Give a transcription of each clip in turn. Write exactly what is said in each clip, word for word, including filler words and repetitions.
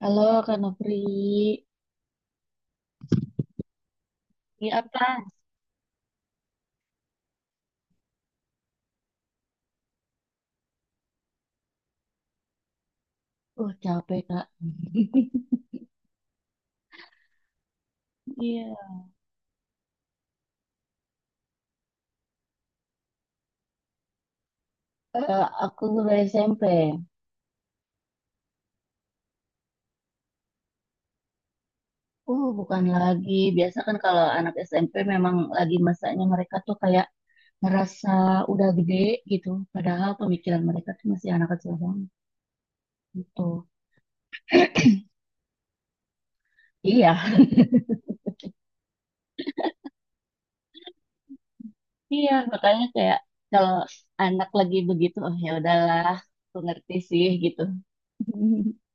Halo Kak Nopri. Iya apa? uh capek Kak. Iya. Eh, aku guru S M P. Uh bukan lagi biasa kan kalau anak S M P memang lagi masanya mereka tuh kayak ngerasa udah gede gitu, padahal pemikiran mereka tuh masih anak kecil banget gitu. Iya, iya. Makanya kayak kalau anak lagi begitu, oh ya udahlah, aku ngerti sih gitu.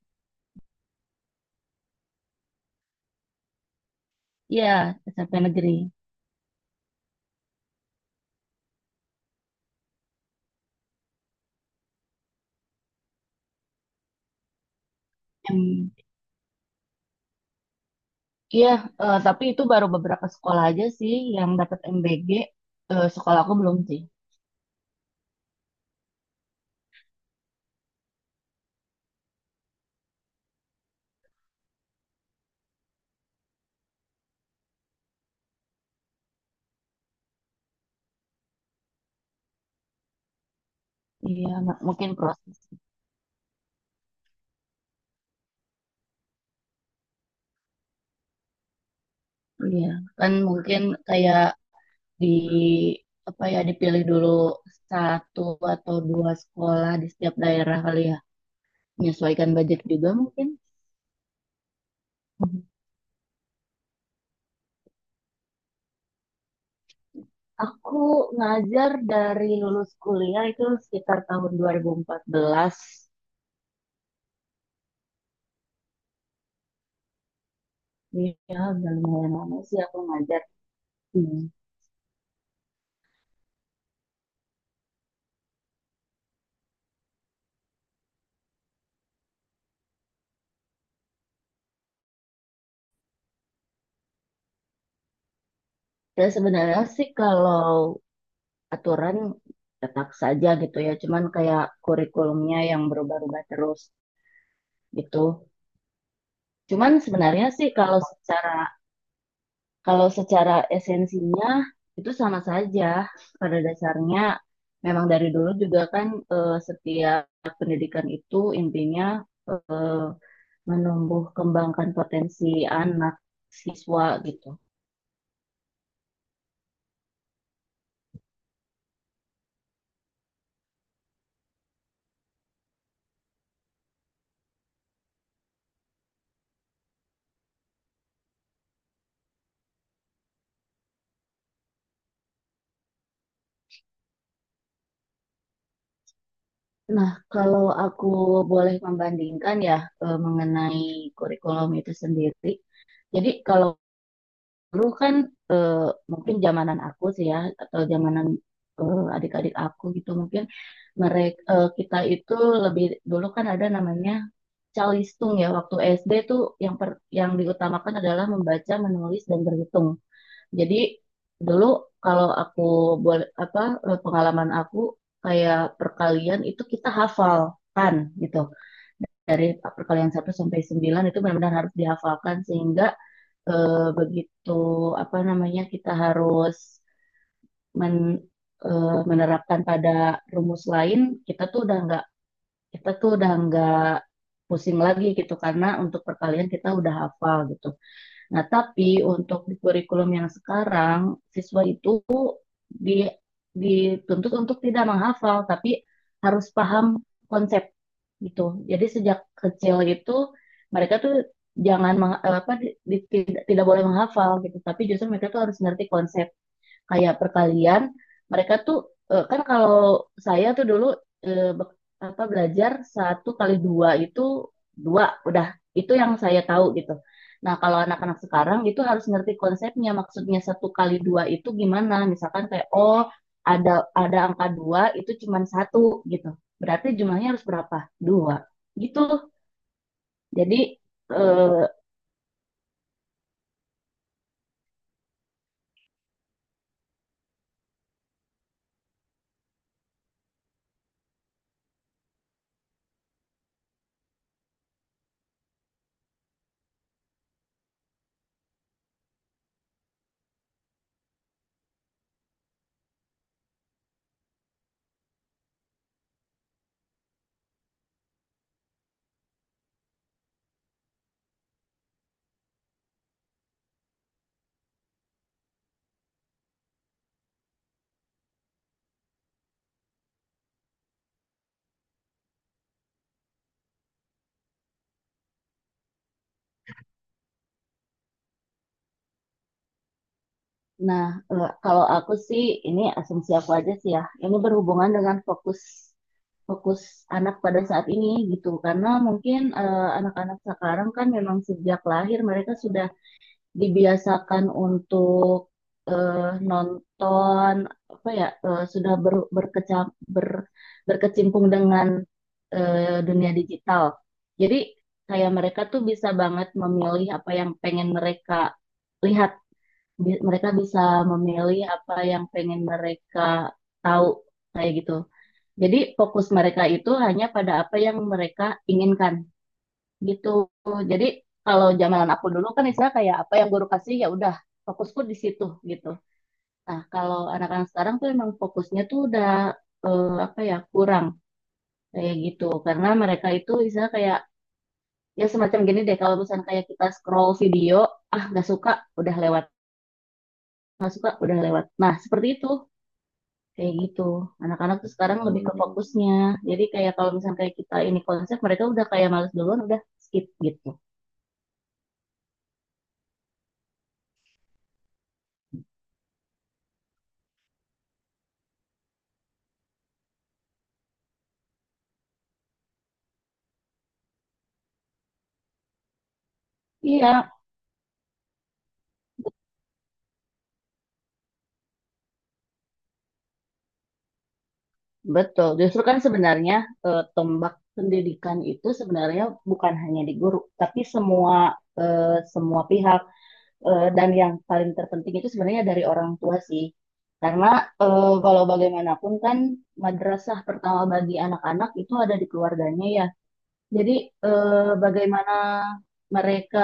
Iya, S M P negeri. Em, Iya, eh, tapi itu baru beberapa sekolah aja sih yang dapat M B G. Eh, sekolah aku belum sih. Iya, ma- mungkin proses. Iya, kan mungkin kayak di apa ya dipilih dulu satu atau dua sekolah di setiap daerah kali ya. Menyesuaikan budget juga mungkin. Mhm. Aku ngajar dari lulus kuliah itu sekitar tahun dua ribu empat belas. Iya, udah lumayan lama sih aku ngajar. Hmm. Dan sebenarnya sih kalau aturan tetap saja gitu ya, cuman kayak kurikulumnya yang berubah-ubah terus gitu. Cuman sebenarnya sih kalau secara kalau secara esensinya itu sama saja pada dasarnya, memang dari dulu juga kan eh, setiap pendidikan itu intinya eh, menumbuh kembangkan potensi anak siswa gitu. Nah, kalau aku boleh membandingkan ya, eh, mengenai kurikulum itu sendiri. Jadi kalau dulu kan eh, mungkin zamanan aku sih ya, atau zamanan eh, adik-adik aku gitu mungkin, mereka kita itu lebih dulu kan ada namanya calistung ya, waktu S D tuh yang per- yang diutamakan adalah membaca, menulis dan berhitung. Jadi dulu, kalau aku boleh apa, eh, pengalaman aku, kayak perkalian itu kita hafalkan gitu. Dari perkalian satu sampai sembilan itu benar-benar harus dihafalkan, sehingga eh, begitu apa namanya kita harus men- eh, menerapkan pada rumus lain, kita tuh udah nggak kita tuh udah nggak pusing lagi gitu karena untuk perkalian kita udah hafal gitu. Nah, tapi untuk di kurikulum yang sekarang, siswa itu di- dituntut untuk tidak menghafal, tapi harus paham konsep gitu. Jadi sejak kecil itu mereka tuh jangan meng- apa di- di- tidak, tidak boleh menghafal gitu, tapi justru mereka tuh harus ngerti konsep. Kayak perkalian, mereka tuh eh, kan kalau saya tuh dulu, eh, be- apa belajar satu kali dua itu, dua, udah itu yang saya tahu gitu. Nah kalau anak-anak sekarang itu harus ngerti konsepnya, maksudnya satu kali dua itu gimana, misalkan kayak oh, ada ada angka dua itu cuma satu gitu, berarti jumlahnya harus berapa, dua, gitu jadi, eh, nah, eh, kalau aku sih ini asumsi aku aja sih ya. Ini berhubungan dengan fokus fokus anak pada saat ini gitu. Karena mungkin eh, anak-anak sekarang kan memang sejak lahir mereka sudah dibiasakan untuk eh, nonton, apa ya, eh, sudah ber, berkecam- ber- berkecimpung dengan eh, dunia digital. Jadi kayak mereka tuh bisa banget memilih apa yang pengen mereka lihat, bi- mereka bisa memilih apa yang pengen mereka tahu, kayak gitu. Jadi fokus mereka itu hanya pada apa yang mereka inginkan gitu. Jadi kalau zaman aku dulu kan istilah kayak apa yang guru kasih ya udah, fokusku di situ gitu. Nah, kalau anak-anak sekarang tuh emang fokusnya tuh udah eh, apa ya, kurang kayak gitu, karena mereka itu istilah kayak, ya semacam gini deh, kalau misalnya kayak kita scroll video, ah nggak suka udah lewat, nggak suka udah lewat, nah seperti itu. Kayak gitu. Anak-anak tuh sekarang lebih ke fokusnya. Jadi kayak kalau misalnya kayak kita ini konsep, mereka udah kayak males duluan, udah skip gitu. Iya, betul. Justru kan sebenarnya eh, tombak pendidikan itu sebenarnya bukan hanya di guru, tapi semua, eh, semua pihak. Eh, dan yang paling terpenting itu sebenarnya dari orang tua sih. Karena eh, kalau bagaimanapun kan madrasah pertama bagi anak-anak itu ada di keluarganya ya. Jadi, eh, bagaimana mereka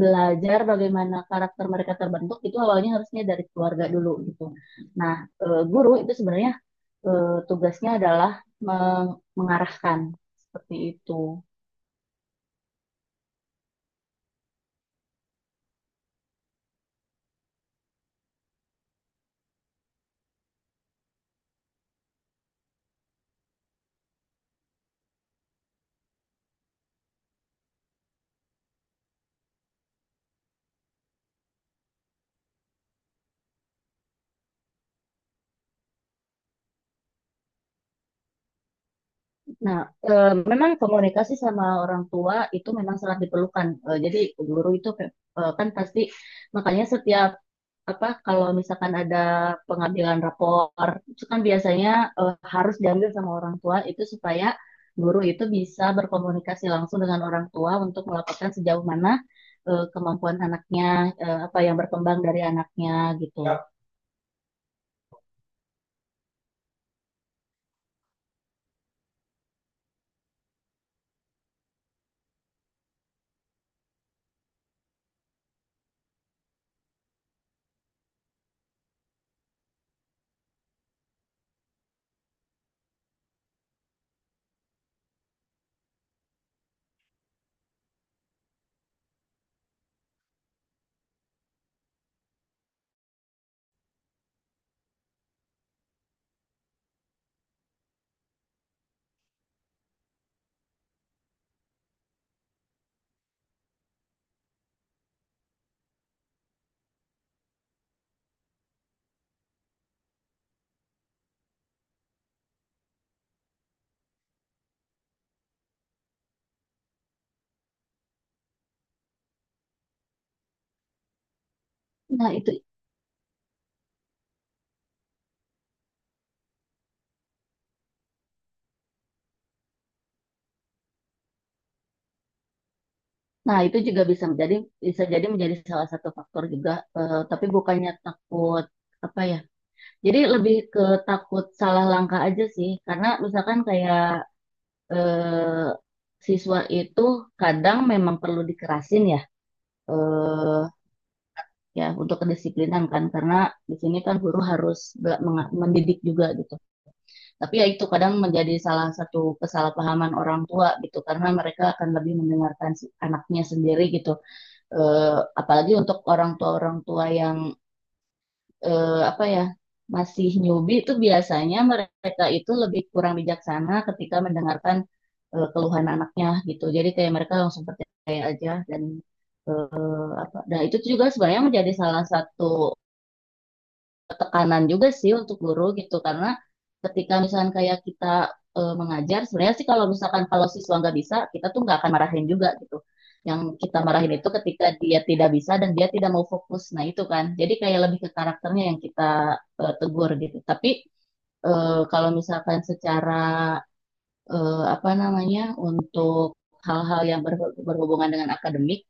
belajar, bagaimana karakter mereka terbentuk itu awalnya harusnya dari keluarga dulu gitu. Nah, eh, guru itu sebenarnya eh, tugasnya adalah meng- mengarahkan, seperti itu. Nah, eh, memang komunikasi sama orang tua itu memang sangat diperlukan. Eh, jadi guru itu, eh, kan pasti makanya setiap apa, kalau misalkan ada pengambilan rapor itu kan biasanya eh, harus diambil sama orang tua, itu supaya guru itu bisa berkomunikasi langsung dengan orang tua untuk melaporkan sejauh mana eh, kemampuan anaknya, eh, apa yang berkembang dari anaknya gitu. Ya. Nah itu nah itu juga bisa menjadi bisa jadi menjadi salah satu faktor juga, eh, tapi bukannya takut, apa ya. Jadi lebih ke takut salah langkah aja sih, karena misalkan kayak eh, siswa itu kadang memang perlu dikerasin ya, eh, ya untuk kedisiplinan kan, karena di sini kan guru harus mendidik juga gitu. Tapi ya itu kadang menjadi salah satu kesalahpahaman orang tua gitu, karena mereka akan lebih mendengarkan si- anaknya sendiri gitu. Eh, apalagi untuk orang tua-orang tua yang, eh, apa ya, masih newbie itu, biasanya mereka itu lebih kurang bijaksana ketika mendengarkan eh, keluhan anaknya gitu. Jadi kayak mereka langsung percaya aja, dan eh, apa. Nah, itu juga sebenarnya menjadi salah satu tekanan juga sih untuk guru gitu, karena ketika misalkan kayak kita eh, mengajar, sebenarnya sih kalau misalkan kalau siswa nggak bisa, kita tuh nggak akan marahin juga gitu. Yang kita marahin itu ketika dia tidak bisa dan dia tidak mau fokus, nah itu kan jadi kayak lebih ke karakternya yang kita eh, tegur gitu. Tapi eh, kalau misalkan secara eh, apa namanya, untuk hal-hal yang berhu- berhubungan dengan akademik,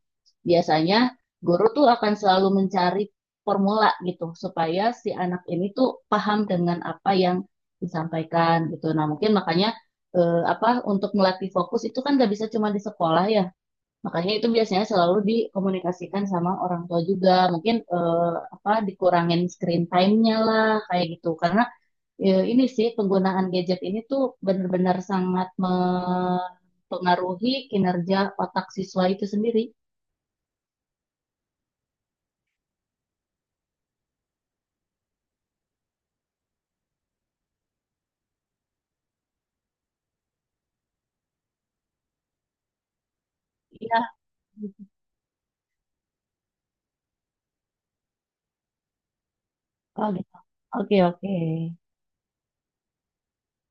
biasanya guru tuh akan selalu mencari formula gitu supaya si anak ini tuh paham dengan apa yang disampaikan gitu. Nah, mungkin makanya eh, apa, untuk melatih fokus itu kan gak bisa cuma di sekolah ya. Makanya itu biasanya selalu dikomunikasikan sama orang tua juga. Mungkin eh, apa, dikurangin screen time-nya lah kayak gitu. Karena ya, ini sih penggunaan gadget ini tuh benar-benar sangat mempengaruhi kinerja otak siswa itu sendiri. Iya. Oh gitu. Oke, oke.